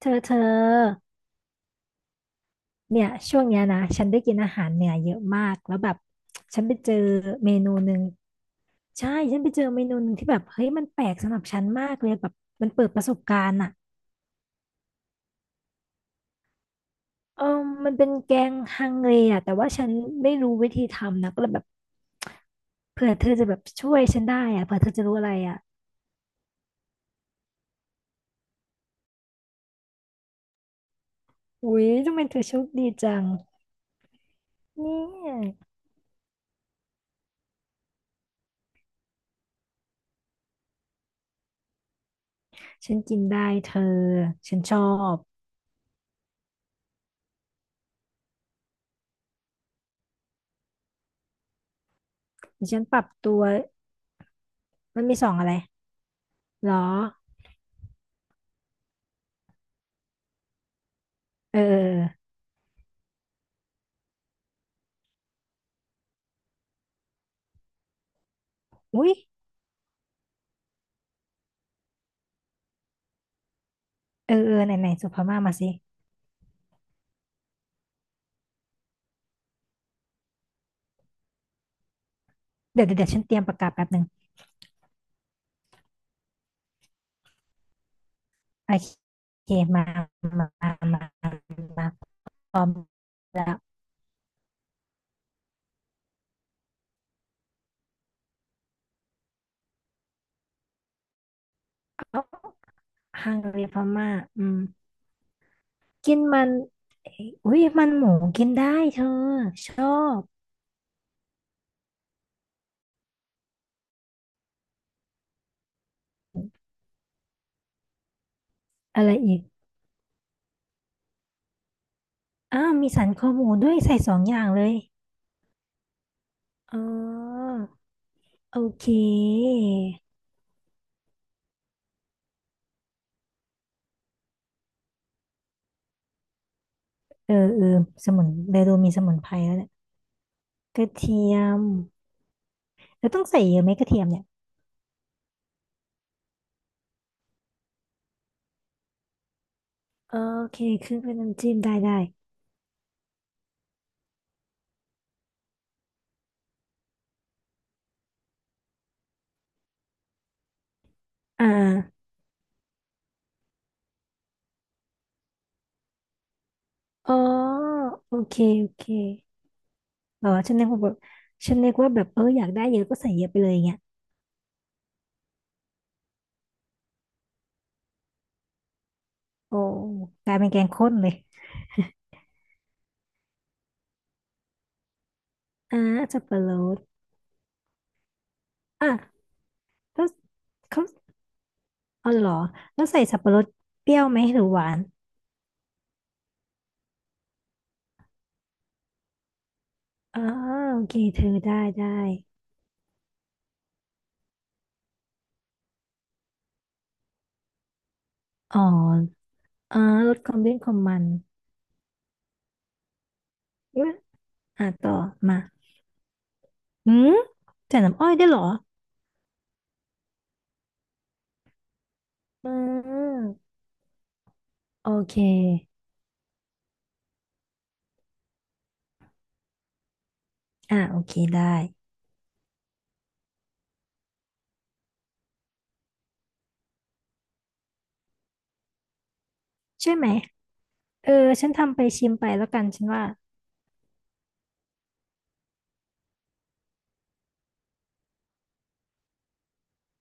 เธอเนี่ยช่วงเนี้ยนะฉันได้กินอาหารเหนือเยอะมากแล้วแบบฉันไปเจอเมนูหนึ่งใช่ฉันไปเจอเมนูหนึ่งที่แบบเฮ้ยมันแปลกสำหรับฉันมากเลยแบบมันเปิดประสบการณ์อ่ะเออมันเป็นแกงฮังเลอ่ะแต่ว่าฉันไม่รู้วิธีทำนะก็เลยแบบเผื่อเธอจะแบบช่วยฉันได้อ่ะเผื่อเธอจะรู้อะไรอ่ะอุ๊ยทำไมเธอโชคดีจังเนี่ยฉันกินได้เธอ ฉันชอบ ฉันปรับตัวมันมีสองอะไรหรอ เอออุ๊ยเออเออไหนไหนส่งพม่ามาสิ เดี๋ยวเดี๋ยวเดี๋ยวฉันเตรียมประกาศแป๊บหนึ่งโอเคมามามามาพร้อมแล้วเอาฮังการีพม่าอืมกินมันเอ้ยอุ๊ยมันหมูกินได้เธอชอบอะไรอีกอ้าวมีสันคอหมูด้วยใส่สองอย่างเลยอ๋อโอเคเออเออสมุนเดยวดูมีสมุนไพรแล้วเนี่ยกระเทียมแล้วต้องใส่เยอะไหมกระเทียมเนี่ย โอเคครึ่งเป็นน้ำจิ้มได้ได้อ่าอ๋อโอเคโอเคอ๋อฉันนึกว่าแบบฉันนึกว่าแบบเอออยากได้เยอะก็ใส่เยอะไปเลยเงี้ยโอ้กลายเป็นแกงข้นเลย อ่าสับปะรดอ่ะแล้วเขาอ๋อเหรอแล้วใส่สับปะรดเปรี้ยวไหมหรือหวานอ่าโอเคเธอได้ได้อ๋ออ่าลดความเลี่ยนความมันเอะอ่ะต่อ มา อืมใส่น้ำอ้อยได้เหรอ อืมโอเค อ่าโอเคได้ ใช่ไหมเออฉันทำไปชิมไปแล้วกันฉันว่า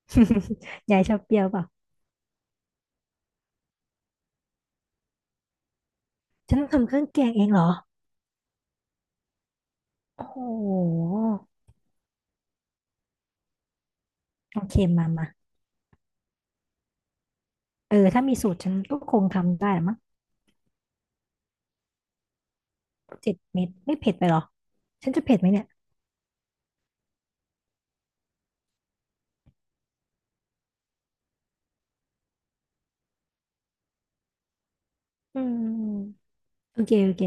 ยายชอบเปรี้ยวเปล่าฉันต้องทำเครื่องแกงเองเหรอโอ้โหโอเคมามาเออถ้ามีสูตรฉันก็คงทำได้ละมั้งเจ็ดเม็ดไม่เผ็ดไปหรอฉันจะเผ็ดไหมเนี่ยอืมโอเคโอเค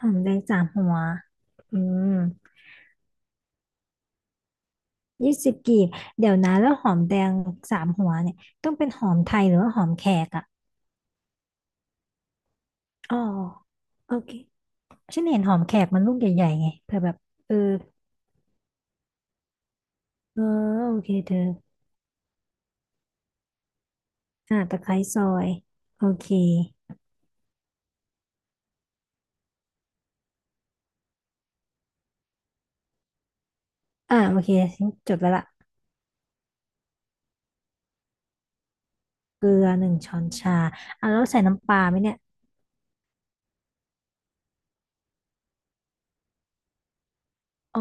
หอมแดงสามหัวอืม20 กีบเดี๋ยวนะแล้วหอมแดงสามหัวเนี่ยต้องเป็นหอมไทยหรือว่าหอมแขกอ่ะอ๋อโอเคฉันเห็นหอมแขกมันลูกใหญ่ๆไงเผื่อแบบเออ เออโอเคเธออ่าตะไคร้ซอยโอเคอ่าโอเคฉันจดไว้ละเกลือ1 ช้อนชาอ่าแล้วใส่น้ำปลาไหมเนี่ยอ๋อ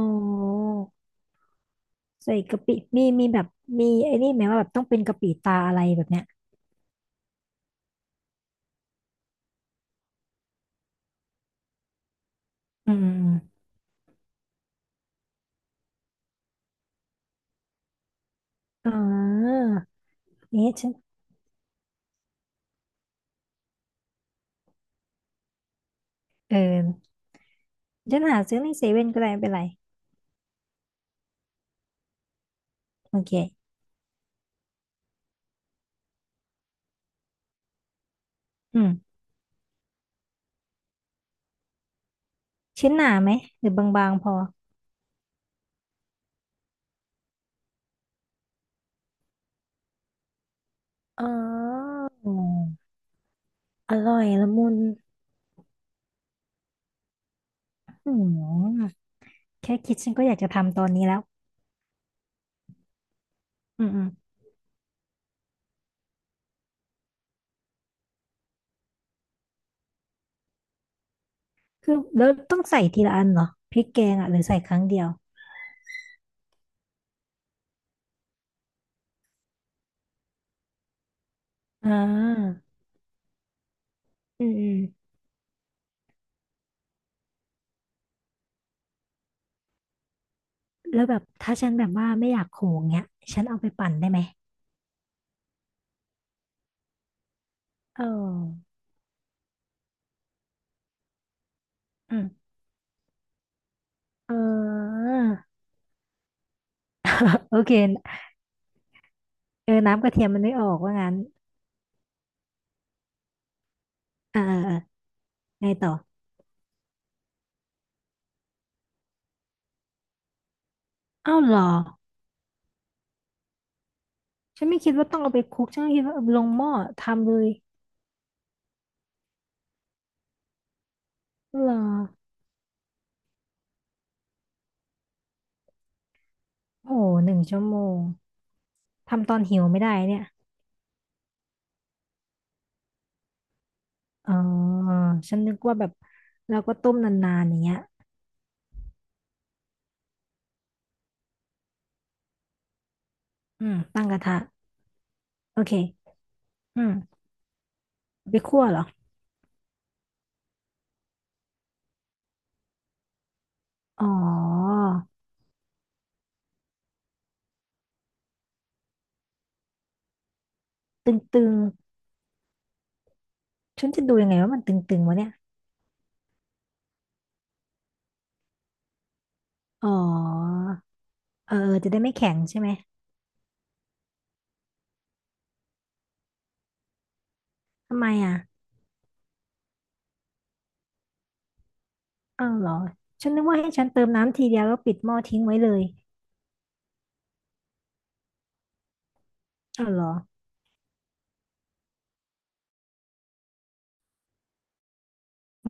ใส่กะปิมีแบบมีไอ้นี่ไหมว่าแบบต้องเป็นกะปิตาอะไรแบบเนี้ยอืมอมอมอ๋อนี่ฉันเออฉันหาซื้อในเซเว่นก็ได้ไม่เป็นไรโอเคอืมชิ้นหนาไหมหรือบางๆพออ๋ออร่อยละมุนอืมแค่คิดฉันก็อยากจะทำตอนนี้แล้วอืมอืม คือแล้วต้องใส่ทีละอันเหรอพริกแกงอ่ะหรือใส่ครั้งเดียวอ่าอืมอืมแล้วแบบถ้าฉันแบบว่าไม่อยากโขงเงี้ยฉันเอาไปปั่นได้ไหมเอออืมเออโอเคเออน้ำกระเทียมมันไม่ออกว่างั้นอ่าอ่าอ่าไงต่ออ้าวเหรอฉันไม่คิดว่าต้องเอาไปคลุกฉันก็คิดว่าเอาลงหม้อทำเลยเหรอโอ้โห1 ชั่วโมงทำตอนหิวไม่ได้เนี่ยอ๋อฉันนึกว่าแบบเราก็ต้มนานๆอย่างเงี้ยอืมตั้งกระทะโอเค อืมไปคั่วเหรอ อ๋อตึงๆ ฉันจะดูยังไงว่ามันตึงๆวะเนี่ย อ๋อ เออจะได้ไม่แข็งใช่ไหม ทำไมอ่ะอ้าวเหรอ ฉันนึกว่าให้ฉันเติมน้ำทีเดียวแล้วปิดหม้อทิ้งไว้เลยอ้าวเหรอ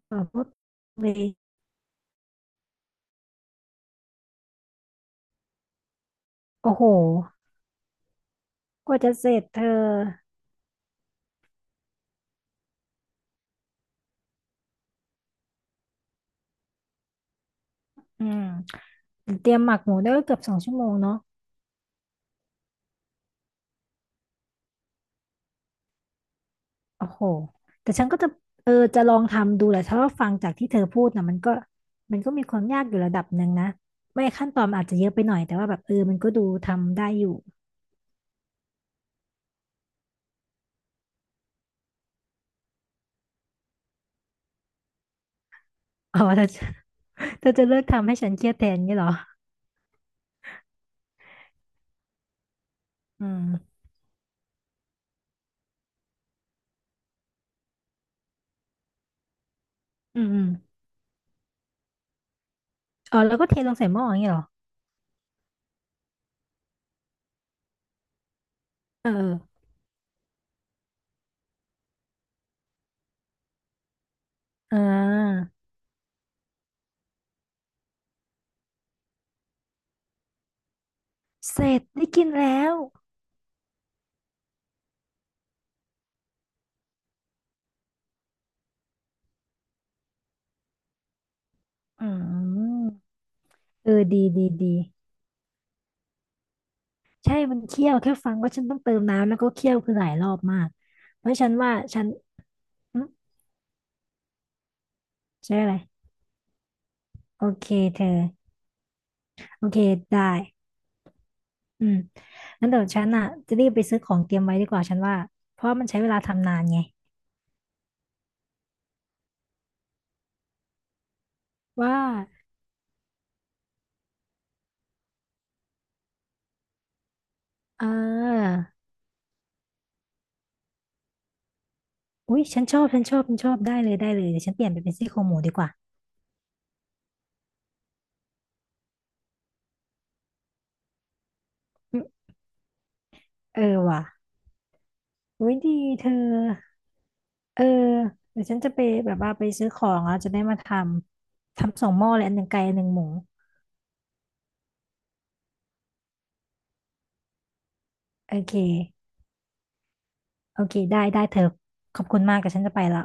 อ้าวปุ๊บเลยโอ้โหกว่าจะเสร็จเธออืมเตรียมหมักหมูได้ก็เกือบ2 ชั่วโมงเนาะ โอ้โหแต่ฉันก็จะเออจะลองทำดูแหละเพราะว่าฟังจากที่เธอพูดนะมันก็มันก็มีความยากอยู่ระดับหนึ่งนะ ไม่ขั้นตอนมันอาจจะเยอะไปหน่อย แต่ว่าแบบเออมันก็ดูทำได้อยู่อ๋อเธอเธอจะเลิกทำให้ฉันเครียดแทนงี้เหรออืมอืมอืมอ๋อแล้วก็เทลงใส่หม้ออย่างงี้เหรอเออเอออ่าเสร็จได้กินแล้ว อืม เออดีดีดีใช่มันเคี่ยวแค่ฟังว่าฉันต้องเติมน้ำแล้วก็เคี่ยวคือหลายรอบมากเพราะฉันว่าฉันอืมใช่อะไร โอเคเธอโอเคได้อืมงั้นเดี๋ยวฉันอ่ะจะรีบไปซื้อของเตรียมไว้ดีกว่าฉันว่าเพราะมันใช้เวลาทำนานไงว่าเอออุ๊ยฉันชอบฉันชอบฉันชอบได้เลยได้เลยเดี๋ยวฉันเปลี่ยนไปเป็นซี่โครงหมูดีกว่าอืมเออว่ะอุ๊ยดีเธอเออเดี๋ยวฉันจะไปแบบว่าไปซื้อของแล้วจะได้มาทำสองหม้อเลยอันหนึ่งไก่อันหนึ่งหมูโอเคโอเคได้ได้เธอขอบคุณมากแต่ฉันจะไปละ